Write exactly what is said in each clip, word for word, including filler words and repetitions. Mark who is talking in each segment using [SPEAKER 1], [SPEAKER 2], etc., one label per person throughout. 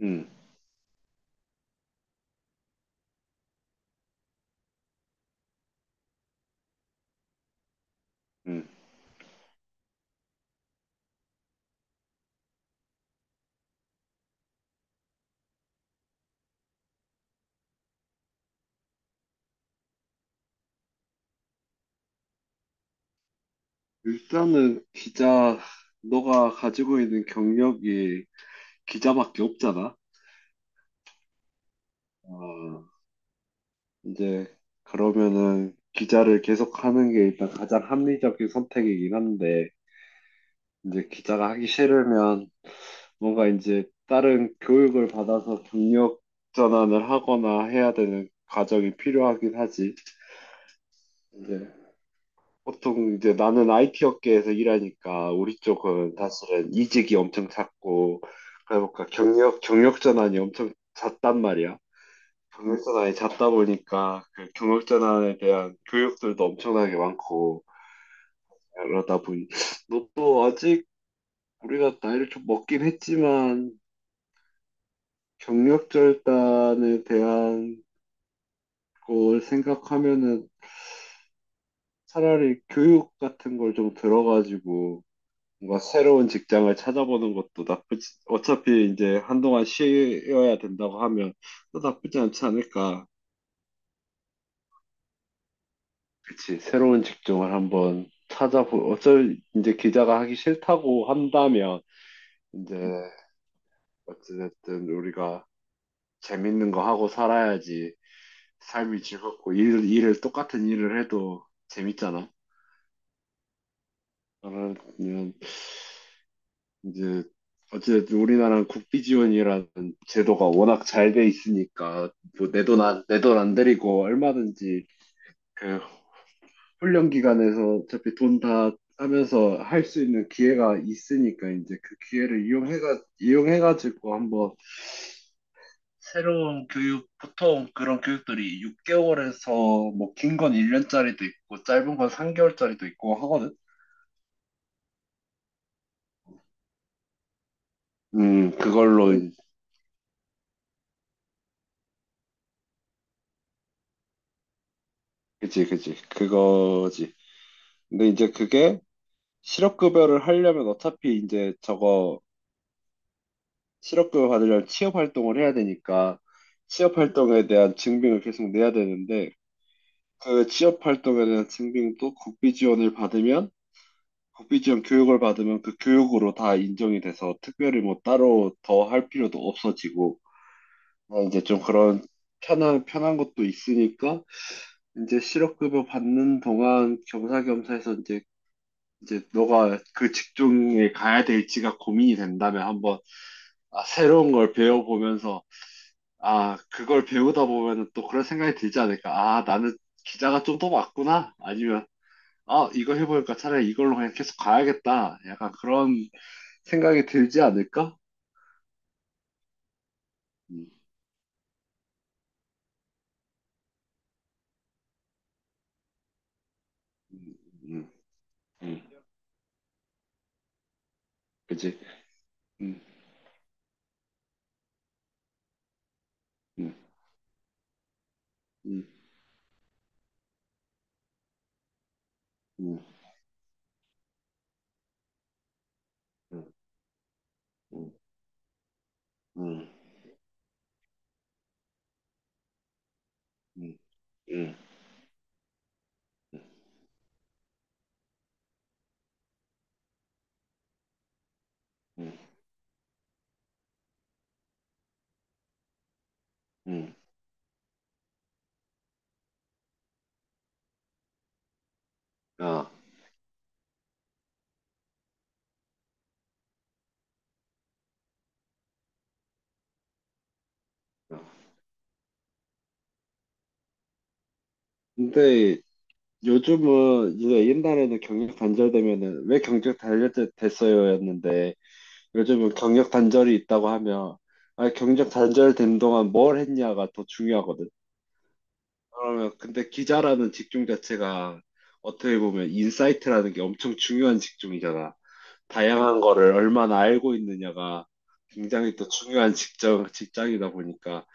[SPEAKER 1] 음, 음. 일단은 기자, 너가 가지고 있는 경력이 기자밖에 없잖아. 아, 이제 그러면은 기자를 계속 하는 게 일단 가장 합리적인 선택이긴 한데, 이제 기자가 하기 싫으면 뭔가 이제 다른 교육을 받아서 경력 전환을 하거나 해야 되는 과정이 필요하긴 하지. 이제 보통 이제 나는 아이티 업계에서 일하니까 우리 쪽은 사실은 이직이 엄청 잦고, 그러니까 경력 경력 전환이 엄청 잦단 말이야. 경력 전환이 잦다 보니까 그 경력 전환에 대한 교육들도 엄청나게 많고, 그러다 보니 너도 아직 우리가 나이를 좀 먹긴 했지만 경력 절단에 대한 걸 생각하면은 차라리 교육 같은 걸 좀 들어가지고 뭔가 새로운 직장을 찾아보는 것도 나쁘지, 어차피 이제 한동안 쉬어야 된다고 하면 또 나쁘지 않지 않을까. 그치, 새로운 직종을 한번 찾아보, 어쩔, 이제 기자가 하기 싫다고 한다면, 이제, 어찌됐든 우리가 재밌는 거 하고 살아야지 삶이 즐겁고, 일, 일을 똑같은 일을 해도 재밌잖아. 그러면 이제 어쨌든 우리나라는 국비 지원이라는 제도가 워낙 잘 돼 있으니까 뭐 내 돈 안, 내 돈 안 들이고 얼마든지 그 훈련 기간에서 어차피 돈 다 하면서 할 수 있는 기회가 있으니까 이제 그 기회를 이용해가 이용해가지고 한번 새로운 교육, 보통 그런 교육들이 육 개월에서 뭐 긴 건 일 년짜리도 있고 짧은 건 삼 개월짜리도 있고 하거든. 음, 그걸로. 그지 그지 그거지. 근데 이제 그게 실업급여를 하려면 어차피 이제 저거 실업급여 받으려면 취업활동을 해야 되니까 취업활동에 대한 증빙을 계속 내야 되는데, 그 취업활동에 대한 증빙도 국비지원을 받으면, 국비지원 교육을 받으면 그 교육으로 다 인정이 돼서 특별히 뭐 따로 더 할 필요도 없어지고, 어, 이제 좀 그런 편한 편한 것도 있으니까 이제 실업급여 받는 동안 겸사겸사해서 이제 이제 너가 그 직종에 가야 될지가 고민이 된다면 한번, 아, 새로운 걸 배워보면서, 아, 그걸 배우다 보면 또 그런 생각이 들지 않을까. 아, 나는 기자가 좀 더 맞구나. 아니면, 아, 이거 해보니까 차라리 이걸로 그냥 계속 가야겠다. 약간 그런 생각이 들지 않을까? 음, 음, 음, 음, 그지? 음, 음, 음, 음, 음, 음, 음, 음, 음, 음, 음. 음. 아, 아. 근데 요즘은 이제, 옛날에는 경력 단절되면은 왜 경력 단절됐어요였는데 요즘은 경력 단절이 있다고 하면, 아, 경력 단절된 동안 뭘 했냐가 더 중요하거든. 그러면, 근데 기자라는 직종 자체가 어떻게 보면 인사이트라는 게 엄청 중요한 직종이잖아. 다양한 거를 얼마나 알고 있느냐가 굉장히 또 중요한 직장, 직장이다 보니까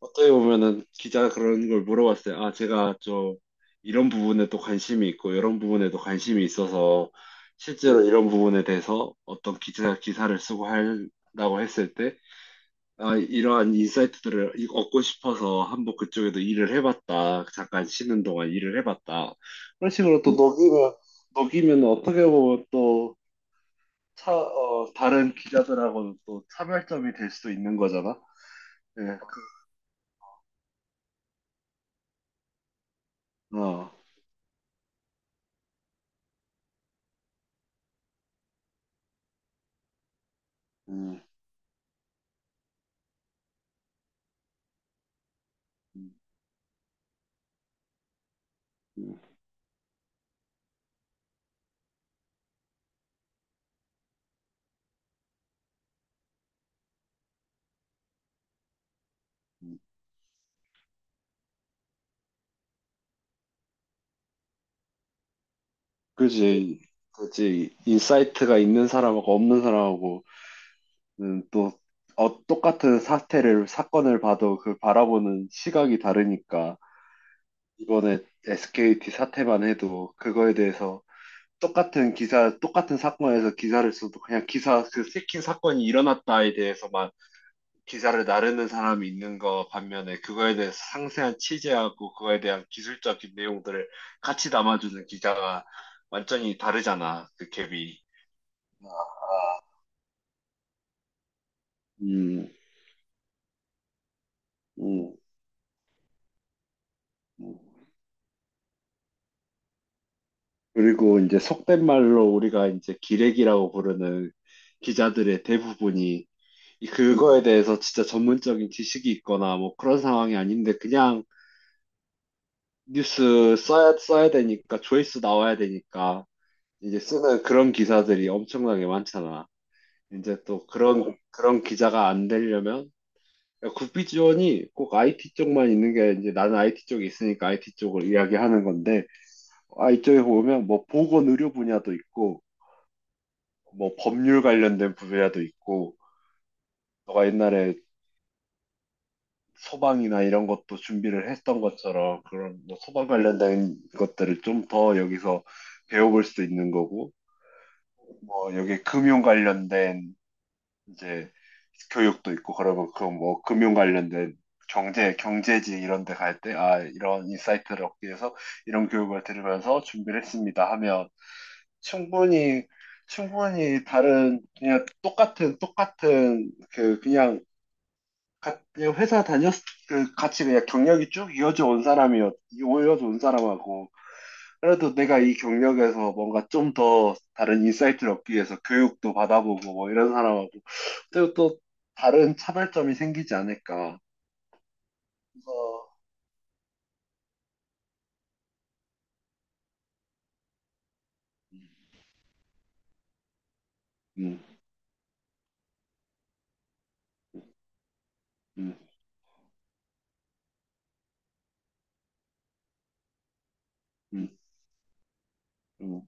[SPEAKER 1] 어떻게 보면은, 기자가 그런 걸 물어봤어요. 아, 제가 저 이런 부분에 또 관심이 있고 이런 부분에도 관심이 있어서 실제로 이런 부분에 대해서 어떤 기자 기사를 쓰고 한다고 했을 때, 아, 이러한 인사이트들을 이- 얻고 싶어서 한번 그쪽에도 일을 해봤다. 잠깐 쉬는 동안 일을 해봤다. 그런 식으로 또 녹이면 녹이면 어떻게 보면 또, 차, 어, 다른 기자들하고는 또 차별점이 될 수도 있는 거잖아. 예. 어. 음. 음, 음. 그지, 그지. 인사이트가 있는 사람하고 없는 사람하고, 음, 또 어, 똑같은 사태를 사건을 봐도 그 바라보는 시각이 다르니까. 이번에 에스케이티 사태만 해도 그거에 대해서, 똑같은 기사, 똑같은 사건에서 기사를 써도 그냥 기사 그 새끼 사건이 일어났다에 대해서만 기사를 나르는 사람이 있는 거 반면에 그거에 대해서 상세한 취재하고 그거에 대한 기술적인 내용들을 같이 담아주는 기자가 완전히 다르잖아, 그 갭이. 음, 음, 음. 그리고 이제 속된 말로 우리가 이제 기레기라고 부르는 기자들의 대부분이 이- 그거에 대해서 진짜 전문적인 지식이 있거나 뭐 그런 상황이 아닌데 그냥 뉴스 써야, 써야 되니까, 조회수 나와야 되니까 이제 쓰는 그런 기사들이 엄청나게 많잖아. 이제 또 그런 그런 기자가 안 되려면, 국비 지원이 꼭 아이티 쪽만 있는 게, 이제 나는 IT 쪽에 있으니까 IT 쪽을 이야기하는 건데, 아이티 쪽에 보면 뭐 보건 의료 분야도 있고, 뭐 법률 관련된 분야도 있고, 너가 옛날에 소방이나 이런 것도 준비를 했던 것처럼 그런 뭐 소방 관련된 것들을 좀 더 여기서 배워볼 수 있는 거고, 뭐 여기 금융 관련된 이제 교육도 있고, 그러고 그뭐 금융 관련된 경제, 경제지 이런 데 갈 때 아 이런 인사이트를 얻기 위해서 이런 교육을 들으면서 준비를 했습니다 하면, 충분히 충분히 다른 그냥 똑같은 똑같은 그 그냥 가- 그냥 회사 다녔 그 같이 그냥 경력이 쭉 이어져 온 사람이었 이어져 온 사람하고, 그래도 내가 이 경력에서 뭔가 좀 더 다른 인사이트를 얻기 위해서 교육도 받아보고 뭐 이런 사람하고 그리고 또 다른 차별점이 생기지 않을까. 그래서. 음, 음, 음, 음,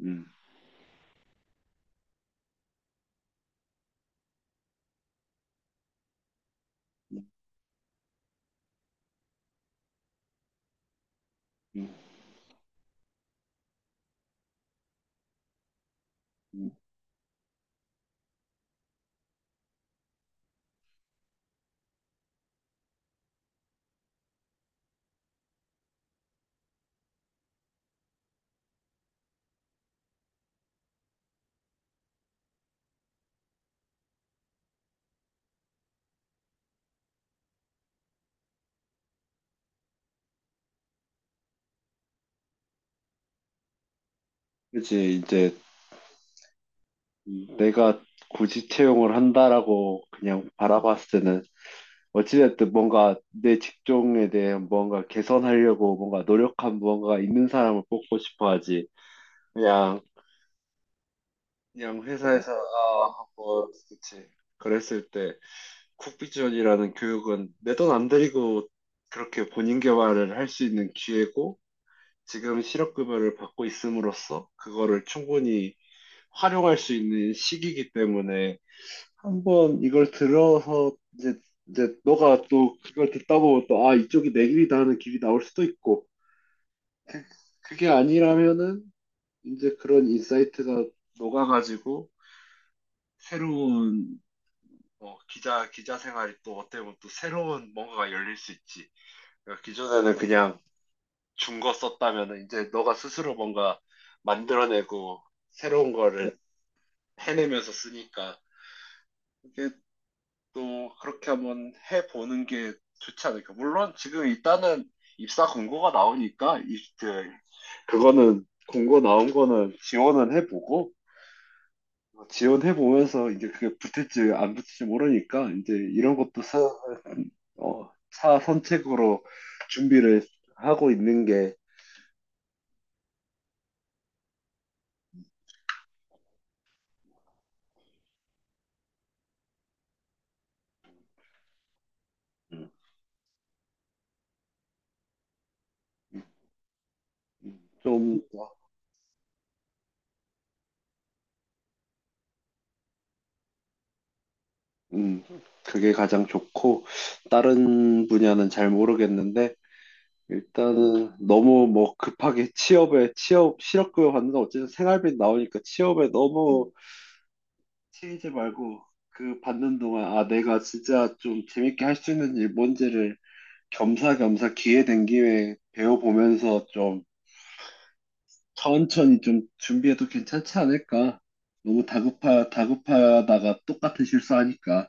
[SPEAKER 1] 음, 음, 음, 음. 그치 이제 내가 굳이 채용을 한다라고 그냥 바라봤을 때는 어찌됐든 뭔가 내 직종에 대해 뭔가 개선하려고 뭔가 노력한 무언가가 있는 사람을 뽑고 싶어 하지. 그냥. 그냥 회사에서 아 하고 그치 그랬을 때, 쿡비전이라는 교육은 내 돈 안 들이고 그렇게 본인 개발을 할 수 있는 기회고 지금 실업급여를 받고 있음으로써 그거를 충분히 활용할 수 있는 시기이기 때문에, 한 번 이걸 들어서 이제 이제 너가 또 그걸 듣다 보면 또 아 이쪽이 내 길이다 하는 길이 나올 수도 있고, 그게 아니라면은 이제 그런 인사이트가 녹아가지고 새로운, 어, 기자, 기자 생활이 또 어떻게 보면 또 새로운 뭔가가 열릴 수 있지. 그러니까 기존에는 그냥 준 거 썼다면은 이제 너가 스스로 뭔가 만들어내고 새로운 거를 해내면서 쓰니까 이게 또 그렇게 한번 해보는 게 좋지 않을까. 물론 지금 일단은 입사 공고가 나오니까 입, 그, 그거는 공고 나온 거는 지원은 해보고, 지원해보면서 이제 그게 붙을지 안 붙을지 모르니까 이제 이런 것도 사, 어, 차 선택으로 준비를 하고 있는 게, 좀, 음, 그게 가장 좋고, 다른 분야는 잘 모르겠는데, 일단은 너무 뭐 급하게 취업에, 취업, 실업급여 받는 건 어쨌든 생활비 나오니까 취업에 너무 치이지 말고, 그 받는 동안, 아, 내가 진짜 좀 재밌게 할 수 있는 일 뭔지를 겸사겸사 기회 된 김에 배워보면서 좀 천천히 좀 준비해도 괜찮지 않을까? 너무 다급하, 다급하다가 똑같은 실수하니까.